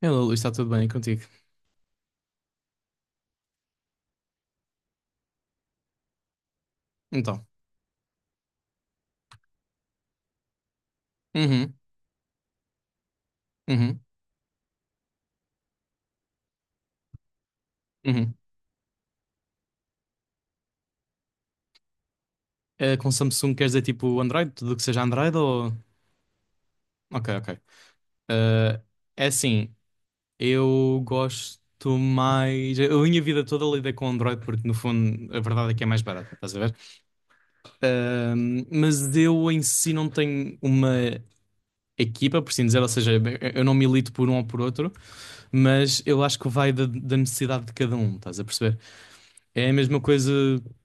Hello, Luís, está tudo bem contigo? Então. Uhum, uhum, uhum. Com Samsung queres dizer tipo Android? Tudo que seja Android ou. Ok, ok. Eh, É assim, eu gosto mais. Eu, a minha vida toda lidei com Android porque, no fundo, a verdade é que é mais barato, estás a ver? Mas eu em si não tenho uma equipa, por assim dizer, ou seja, eu não milito por um ou por outro, mas eu acho que vai da necessidade de cada um, estás a perceber? É a mesma coisa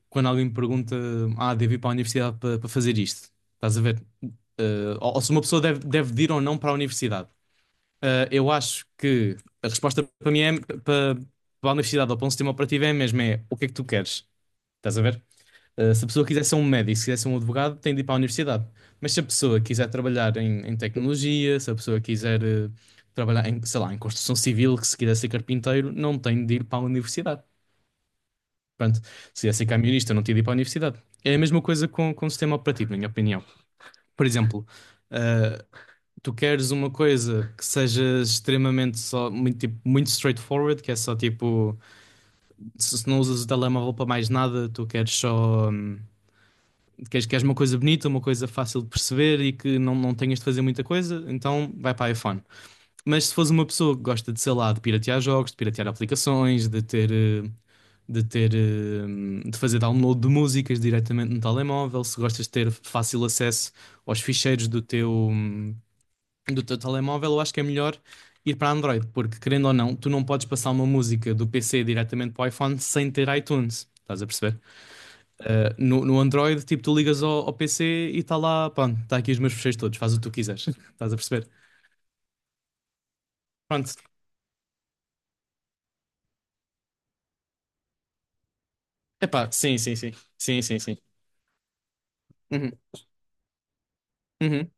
quando alguém me pergunta: Ah, devo ir para a universidade para fazer isto? Estás a ver? Ou se uma pessoa deve ir ou não para a universidade. Eu acho que a resposta para mim é para a universidade ou para um sistema operativo é mesmo: é o que é que tu queres? Estás a ver? Se a pessoa quiser ser um médico, se quiser ser um advogado, tem de ir para a universidade. Mas se a pessoa quiser trabalhar em tecnologia, se a pessoa quiser trabalhar em, sei lá, em construção civil, que se quiser ser carpinteiro, não tem de ir para a universidade. Pronto, se ia ser camionista, eu não tinha de ir para a universidade. É a mesma coisa com o sistema operativo, na minha opinião. Por exemplo, ah, tu queres uma coisa que seja extremamente só, muito, tipo, muito straightforward, que é só tipo, se não usas o telemóvel para mais nada, tu queres só, queres uma coisa bonita, uma coisa fácil de perceber e que não tenhas de fazer muita coisa, então vai para iPhone. Mas se fores uma pessoa que gosta de, sei lá, de piratear jogos, de piratear aplicações, de fazer download de músicas diretamente no telemóvel, se gostas de ter fácil acesso aos ficheiros do teu telemóvel, eu acho que é melhor ir para Android, porque querendo ou não, tu não podes passar uma música do PC diretamente para o iPhone sem ter iTunes. Estás a perceber? No Android, tipo, tu ligas ao PC e está lá, pronto, está aqui os meus ficheiros todos, faz o que tu quiseres. Estás a perceber? Pronto, epá, sim, sim, sim. Sim, sim, sim. Uhum, uhum.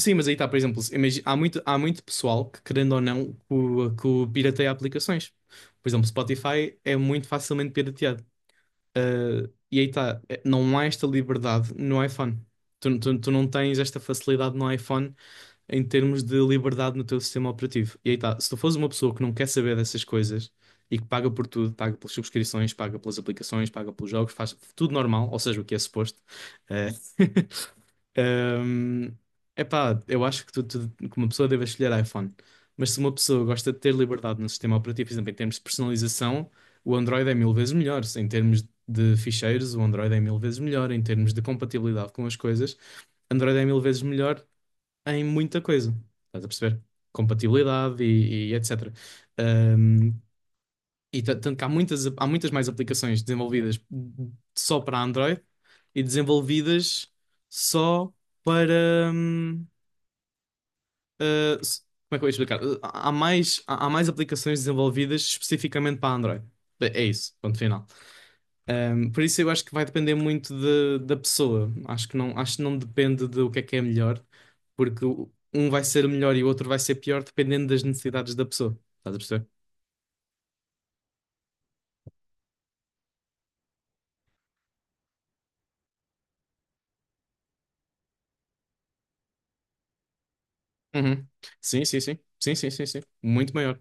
Sim, mas aí está, por exemplo, há muito pessoal que, querendo ou não, que o pirateia aplicações. Por exemplo, Spotify é muito facilmente pirateado. Ah, e aí está, não há esta liberdade no iPhone. Tu não tens esta facilidade no iPhone em termos de liberdade no teu sistema operativo. E aí está, se tu fores uma pessoa que não quer saber dessas coisas e que paga por tudo, paga pelas subscrições, paga pelas aplicações, paga pelos jogos, faz tudo normal, ou seja, o que é suposto. eh, Ahm, epá, eu acho que, que uma pessoa deve escolher iPhone. Mas se uma pessoa gosta de ter liberdade no sistema operativo, por exemplo, em termos de personalização, o Android é mil vezes melhor. Em termos de ficheiros, o Android é mil vezes melhor. Em termos de compatibilidade com as coisas, Android é mil vezes melhor em muita coisa. Estás a perceber? Compatibilidade e etc. Tanto que há muitas mais aplicações desenvolvidas só para Android e desenvolvidas só para. Ah, s- Como é que eu ia explicar? Ah, há mais, há mais aplicações desenvolvidas especificamente para Android. É isso, ponto final. Por isso eu acho que vai depender muito de- da pessoa. Acho que não depende do que é melhor, porque o- um vai ser melhor e o outro vai ser pior dependendo das necessidades da pessoa. Estás a perceber? Uhum. Sim, sim, sim. Sim, sim, sim, sim. Muito maior.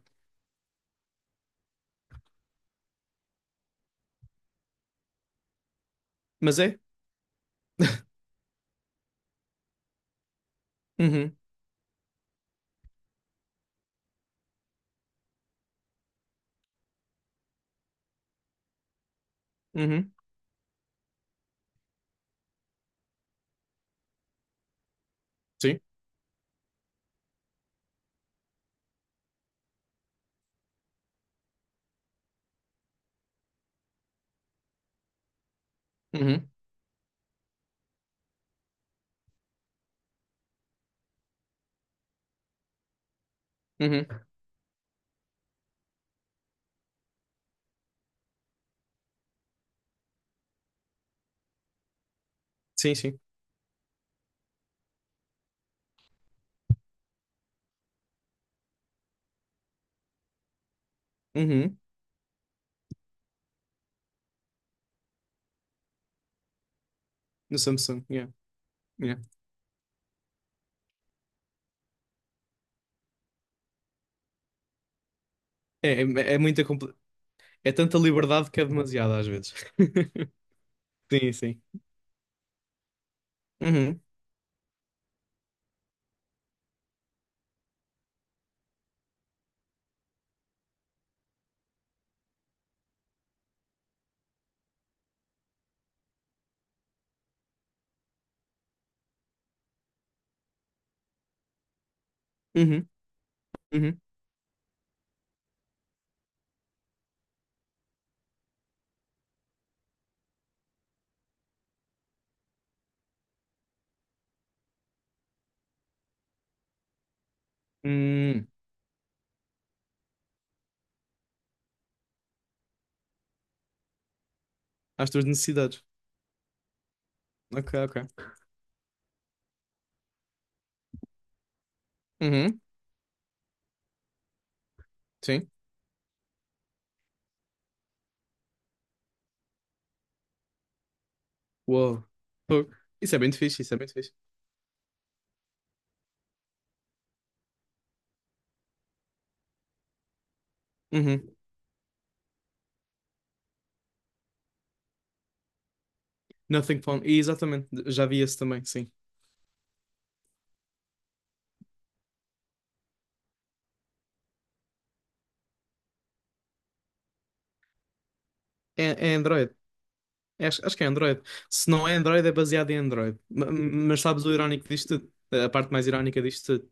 Mas é? Uhum, uhum, sim, uhum, uhum, sim, sim, uhum, no Samsung, yeah, yeah. É é tanta liberdade que é demasiada às vezes. Sim, sim. Uhum, uhum, uhum. Hum, Às tuas necessidades. Ok, ok. Uhum, sim. Uou. Fogo. Isso é bem fixe, isso é bem fixe. Uhum. Nothing phone. E exatamente, já vi esse também, sim. É Android. É, acho que é Android. Se não é Android, é baseado em Android. Mas, sabes o irónico disto tudo? A parte mais irónica disto tudo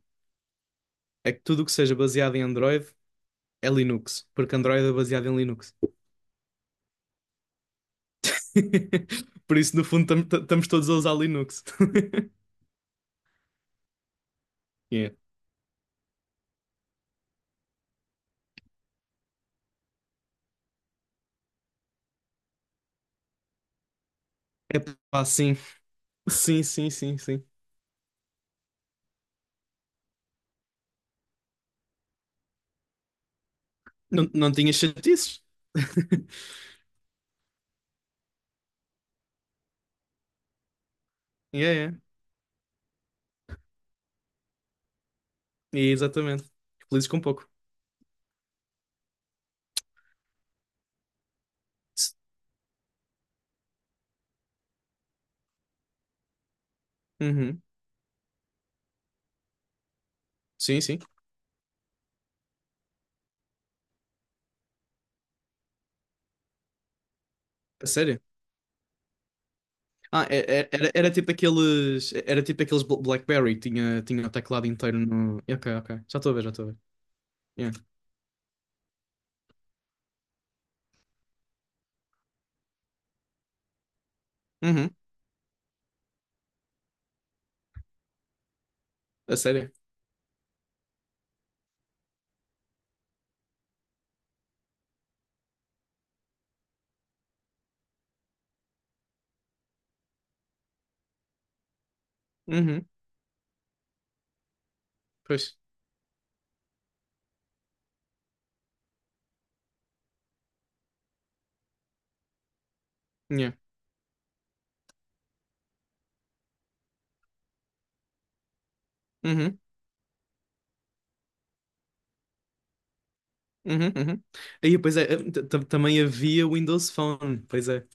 é que tudo o que seja baseado em Android é Linux, porque Android é baseado em Linux. Por isso, no fundo, estamos todos a usar Linux. Yeah. É pá, sim. Sim, sim, sim, sim. Não, não tinha chatices. Yeah, yeah. Yeah, exatamente. Felizes com pouco. S- Uhum. Sim, sim. A sério. Ah, era tipo aqueles. Era tipo aqueles BlackBerry, tinha o teclado inteiro no. Ok, ok. Já estou a ver, já estou a ver. Yeah. Uhum. A sério. Uhum. Pois. Yeah. Uhum. Uhum, uhum. Aí, pois é, também havia Windows Phone, pois é.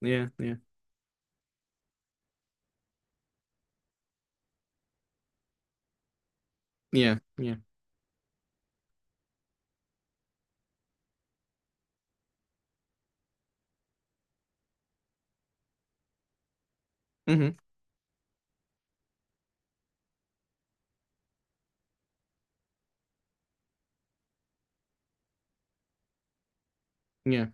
Yeah, yeah, yeah, yeah. Uhum, yeah.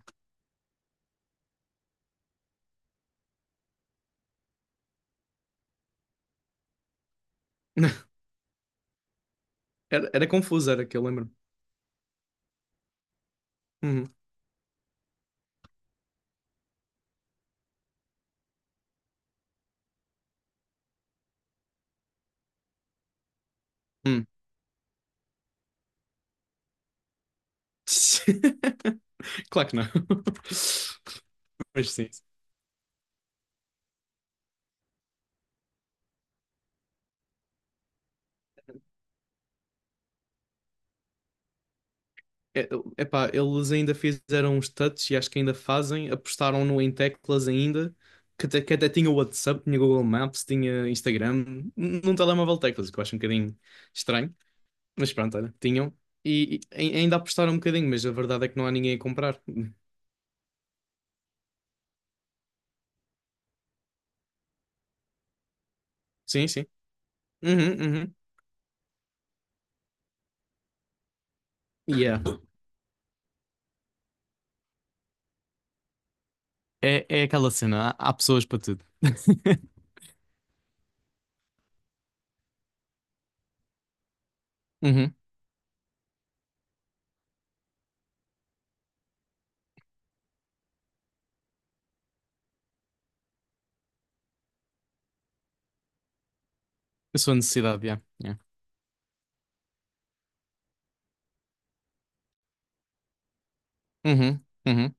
Era confuso, era que eu lembro. Uhum, hum. Claro que não. Mas sim. É, epá, eles ainda fizeram uns touch e acho que ainda fazem, apostaram no em teclas ainda, que até tinha o WhatsApp, tinha Google Maps, tinha Instagram, num telemóvel teclas, o que eu acho um bocadinho estranho. Mas pronto, olha, tinham. E ainda apostaram um bocadinho, mas a verdade é que não há ninguém a comprar. Sim, sim. Uhum, uhum. Yeah. É aquela cena, há pessoas para tudo. Uhum. Eu sou a necessidade, yeah. Yeah. Uhum, uhum.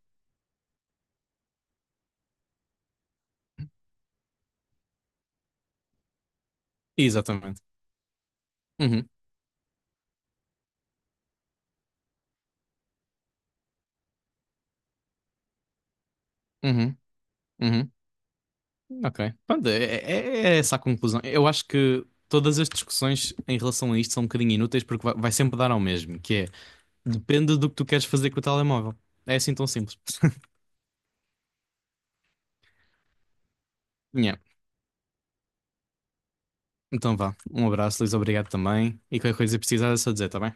Exatamente. Uhum, uhum, uhum. Ok. Pronto, essa a conclusão. Eu acho que todas as discussões em relação a isto são um bocadinho inúteis porque vai sempre dar ao mesmo, que é: depende do que tu queres fazer com o telemóvel. É assim tão simples. Yeah. Então vá. Um abraço, Luís. Obrigado também. E qualquer coisa que precisar é só dizer, tá bem?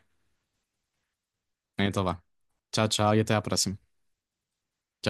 Então vá. Tchau, tchau e até à próxima.